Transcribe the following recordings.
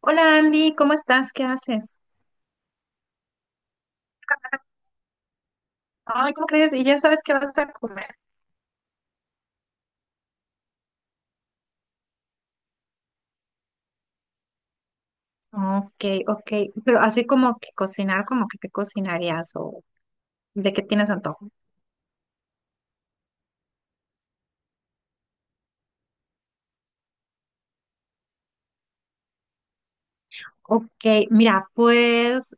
Hola Andy, ¿cómo estás? ¿Qué haces? Ay, ¿cómo crees? Y ya sabes qué vas a comer. Ok, ok, pero así como que cocinar, como que qué cocinarías o de qué tienes antojo. Ok, mira, pues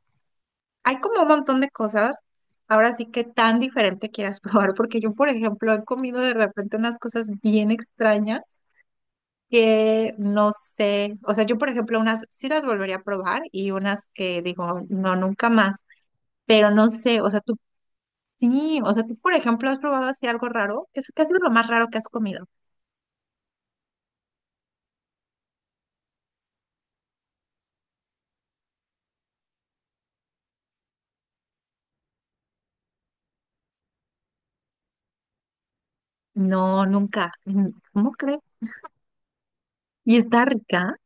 hay como un montón de cosas. Ahora sí que tan diferente quieras probar, porque yo, por ejemplo, he comido de repente unas cosas bien extrañas que no sé. O sea, yo, por ejemplo, unas sí las volvería a probar y unas que digo, no, nunca más. Pero no sé, o sea, tú. Sí, o sea, tú, por ejemplo, has probado así algo raro. Es casi lo más raro que has comido. No, nunca. Mm, ¿cómo crees? ¿Y está rica?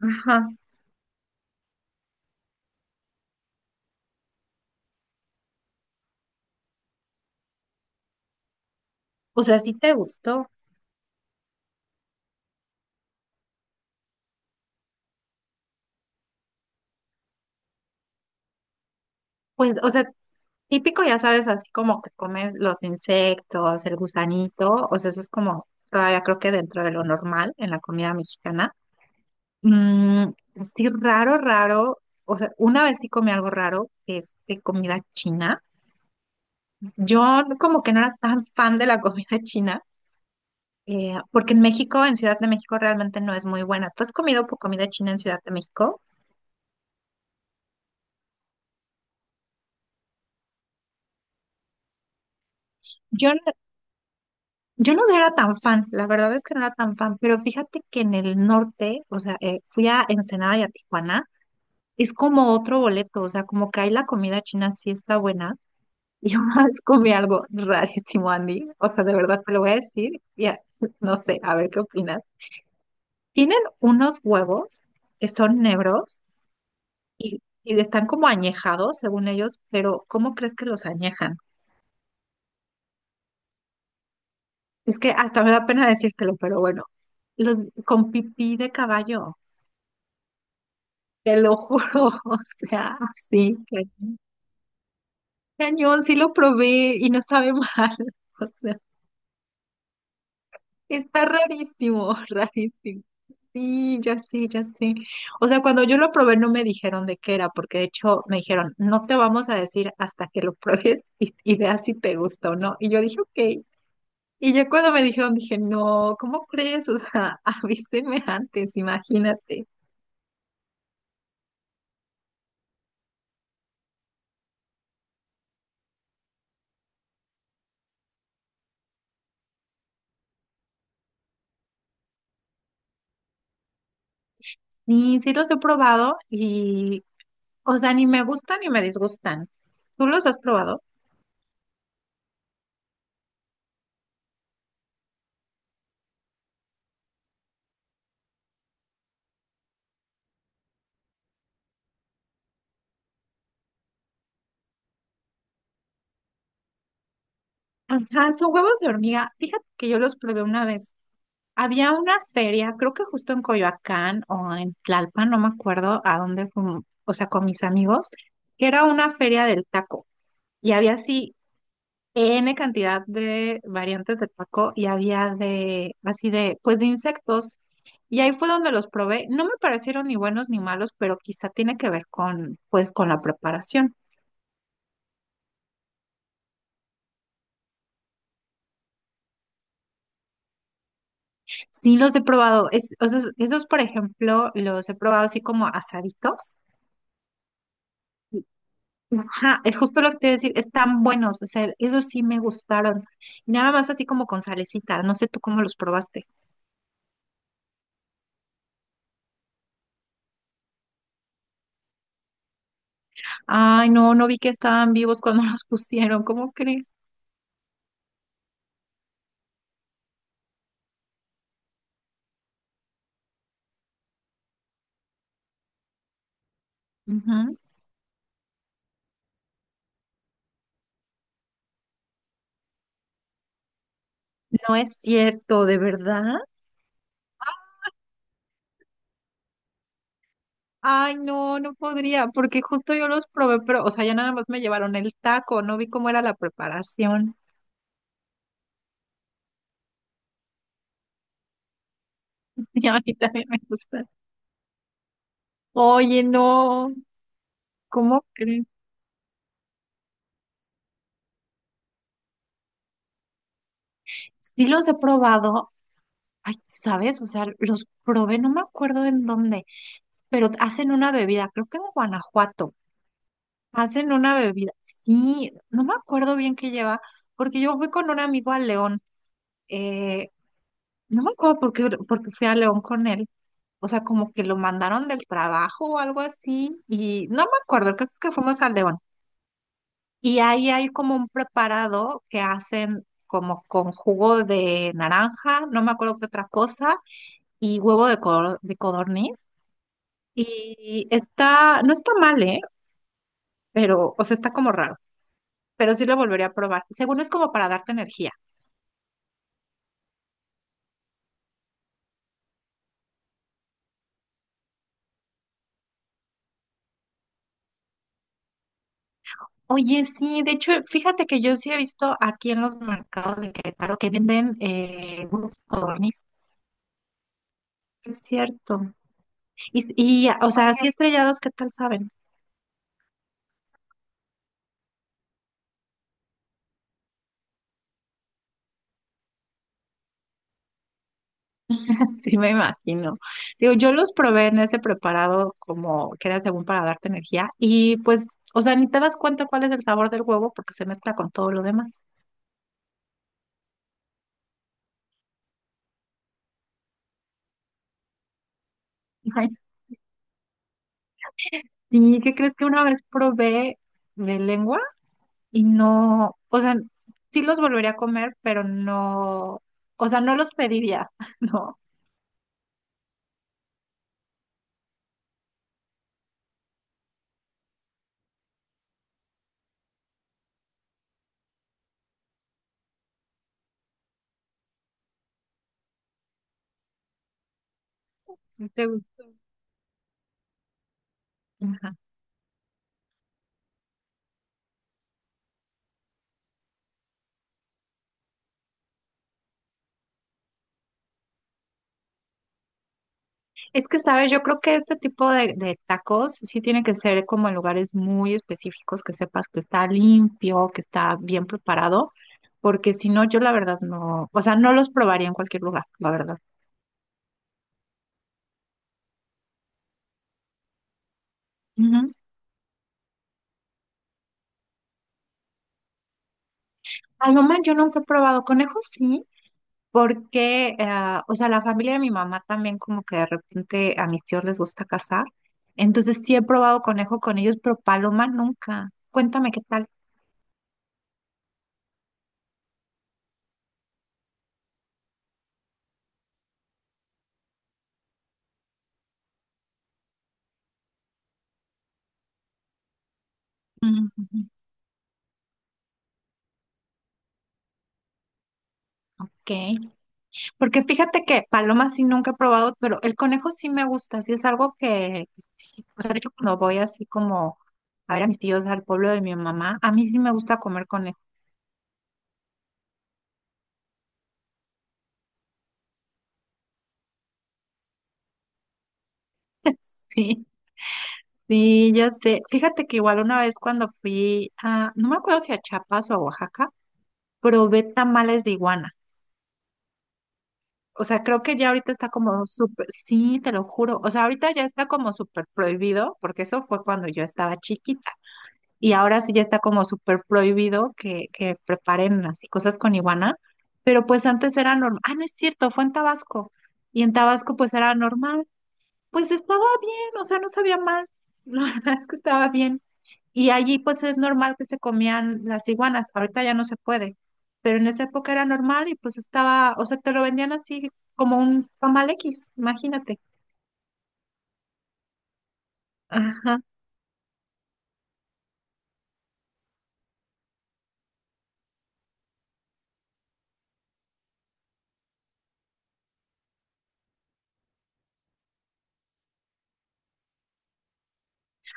Ajá. O sea, sí te gustó. Pues, o sea, típico, ya sabes, así como que comes los insectos, el gusanito. O sea, eso es como todavía creo que dentro de lo normal en la comida mexicana. Mm, sí, raro, raro. O sea, una vez sí comí algo raro, que es de comida china. Yo como que no era tan fan de la comida china. Porque en México, en Ciudad de México, realmente no es muy buena. ¿Tú has comido comida china en Ciudad de México? Yo, no- yo no era tan fan, la verdad es que no era tan fan, pero fíjate que en el norte, o sea, fui a Ensenada y a Tijuana, es como otro boleto, o sea, como que ahí la comida china sí está buena. Y yo una vez comí algo rarísimo, Andy, o sea, de verdad te lo voy a decir, y no sé, a ver qué opinas. Tienen unos huevos que son negros y están como añejados, según ellos, pero ¿cómo crees que los añejan? Es que hasta me da pena decírtelo, pero bueno, los con pipí de caballo, te lo juro, o sea, sí, cañón, cañón, sí lo probé y no sabe mal, o sea, está rarísimo, rarísimo. Sí, ya sé, ya sé. O sea, cuando yo lo probé no me dijeron de qué era, porque de hecho me dijeron, no te vamos a decir hasta que lo pruebes y veas si te gusta o no. Y yo dije, ok. Y ya cuando me dijeron, dije, no, ¿cómo crees? O sea, avíseme antes, imagínate. Sí, sí los he probado y, o sea, ni me gustan ni me disgustan. ¿Tú los has probado? Ajá, son huevos de hormiga. Fíjate que yo los probé una vez. Había una feria, creo que justo en Coyoacán o en Tlalpan, no me acuerdo a dónde fuimos, o sea, con mis amigos, que era una feria del taco y había así N cantidad de variantes de taco y había de, así de, pues de insectos. Y ahí fue donde los probé. No me parecieron ni buenos ni malos, pero quizá tiene que ver con, pues, con la preparación. Sí los he probado. Esos, esos, por ejemplo, los he probado así como asaditos. Y- Ajá, es justo lo que te iba a decir, están buenos, o sea, esos sí me gustaron. Nada más así como con salecita, no sé tú cómo los probaste. Ay, no, no vi que estaban vivos cuando los pusieron, ¿cómo crees? Ujú. No es cierto, de verdad. Ay, no, no podría, porque justo yo los probé, pero, o sea, ya nada más me llevaron el taco, no vi cómo era la preparación. Y a mí también me gusta. Oye, no, ¿cómo crees? Sí los he probado, ay, ¿sabes? O sea, los probé, no me acuerdo en dónde, pero hacen una bebida, creo que en Guanajuato. Hacen una bebida, sí, no me acuerdo bien qué lleva, porque yo fui con un amigo a León, eh, no me acuerdo por qué, porque fui a León con él, o sea, como que lo mandaron del trabajo o algo así, y no me acuerdo, el caso es que fuimos al León. Y ahí hay como un preparado que hacen como con jugo de naranja, no me acuerdo qué otra cosa, y huevo de, de codorniz. Y está, no está mal, ¿eh? Pero, o sea, está como raro, pero sí lo volvería a probar. Según es como para darte energía. Oye, sí, de hecho, fíjate que yo sí he visto aquí en los mercados de Querétaro que venden huevos de codorniz. Sí, es cierto. Y, y, o sea, así estrellados, ¿qué tal saben? Sí, me imagino. Digo, yo los probé en ese preparado como que era según para darte energía y pues, o sea, ni te das cuenta cuál es el sabor del huevo porque se mezcla con todo lo demás. Ay, sí, ¿qué crees que una vez probé de lengua y no, o sea, sí los volvería a comer, pero no, o sea, no los pediría, ¿no? Sí te gustó. Ajá. Es que, sabes, yo creo que este tipo de tacos sí tiene que ser como en lugares muy específicos, que sepas que está limpio, que está bien preparado, porque si no, yo la verdad no, o sea, no los probaría en cualquier lugar, la verdad. Ujú. Ay, no man, yo nunca he probado conejos, sí, porque, o sea, la familia de mi mamá también como que de repente a mis tíos les gusta cazar, entonces sí he probado conejo con ellos, pero paloma nunca. Cuéntame qué tal. Ujú, ujú. Ok. Porque fíjate que paloma sí nunca he probado, pero el conejo sí me gusta, sí es algo que sí. O sea, de hecho, cuando voy así como a ver a mis tíos al pueblo de mi mamá, a mí sí me gusta comer conejo. Sí, sí, ya sé. Fíjate que igual una vez cuando fui a, no me acuerdo si a Chiapas o a Oaxaca, probé tamales de iguana. O sea, creo que ya ahorita está como súper, sí, te lo juro. O sea, ahorita ya está como súper prohibido, porque eso fue cuando yo estaba chiquita. Y ahora sí ya está como súper prohibido que preparen así cosas con iguana, pero pues antes era normal. Ah, no es cierto, fue en Tabasco. Y en Tabasco pues era normal. Pues estaba bien, o sea, no sabía mal. La verdad es que estaba bien. Y allí pues es normal que se comían las iguanas. Ahorita ya no se puede. Pero en esa época era normal y pues estaba, o sea, te lo vendían así como un tamal X, imagínate. Ajá.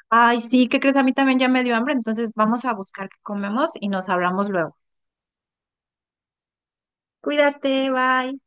Ay, sí, ¿qué crees? A mí también ya me dio hambre, entonces vamos a buscar qué comemos y nos hablamos luego. Cuídate, bye.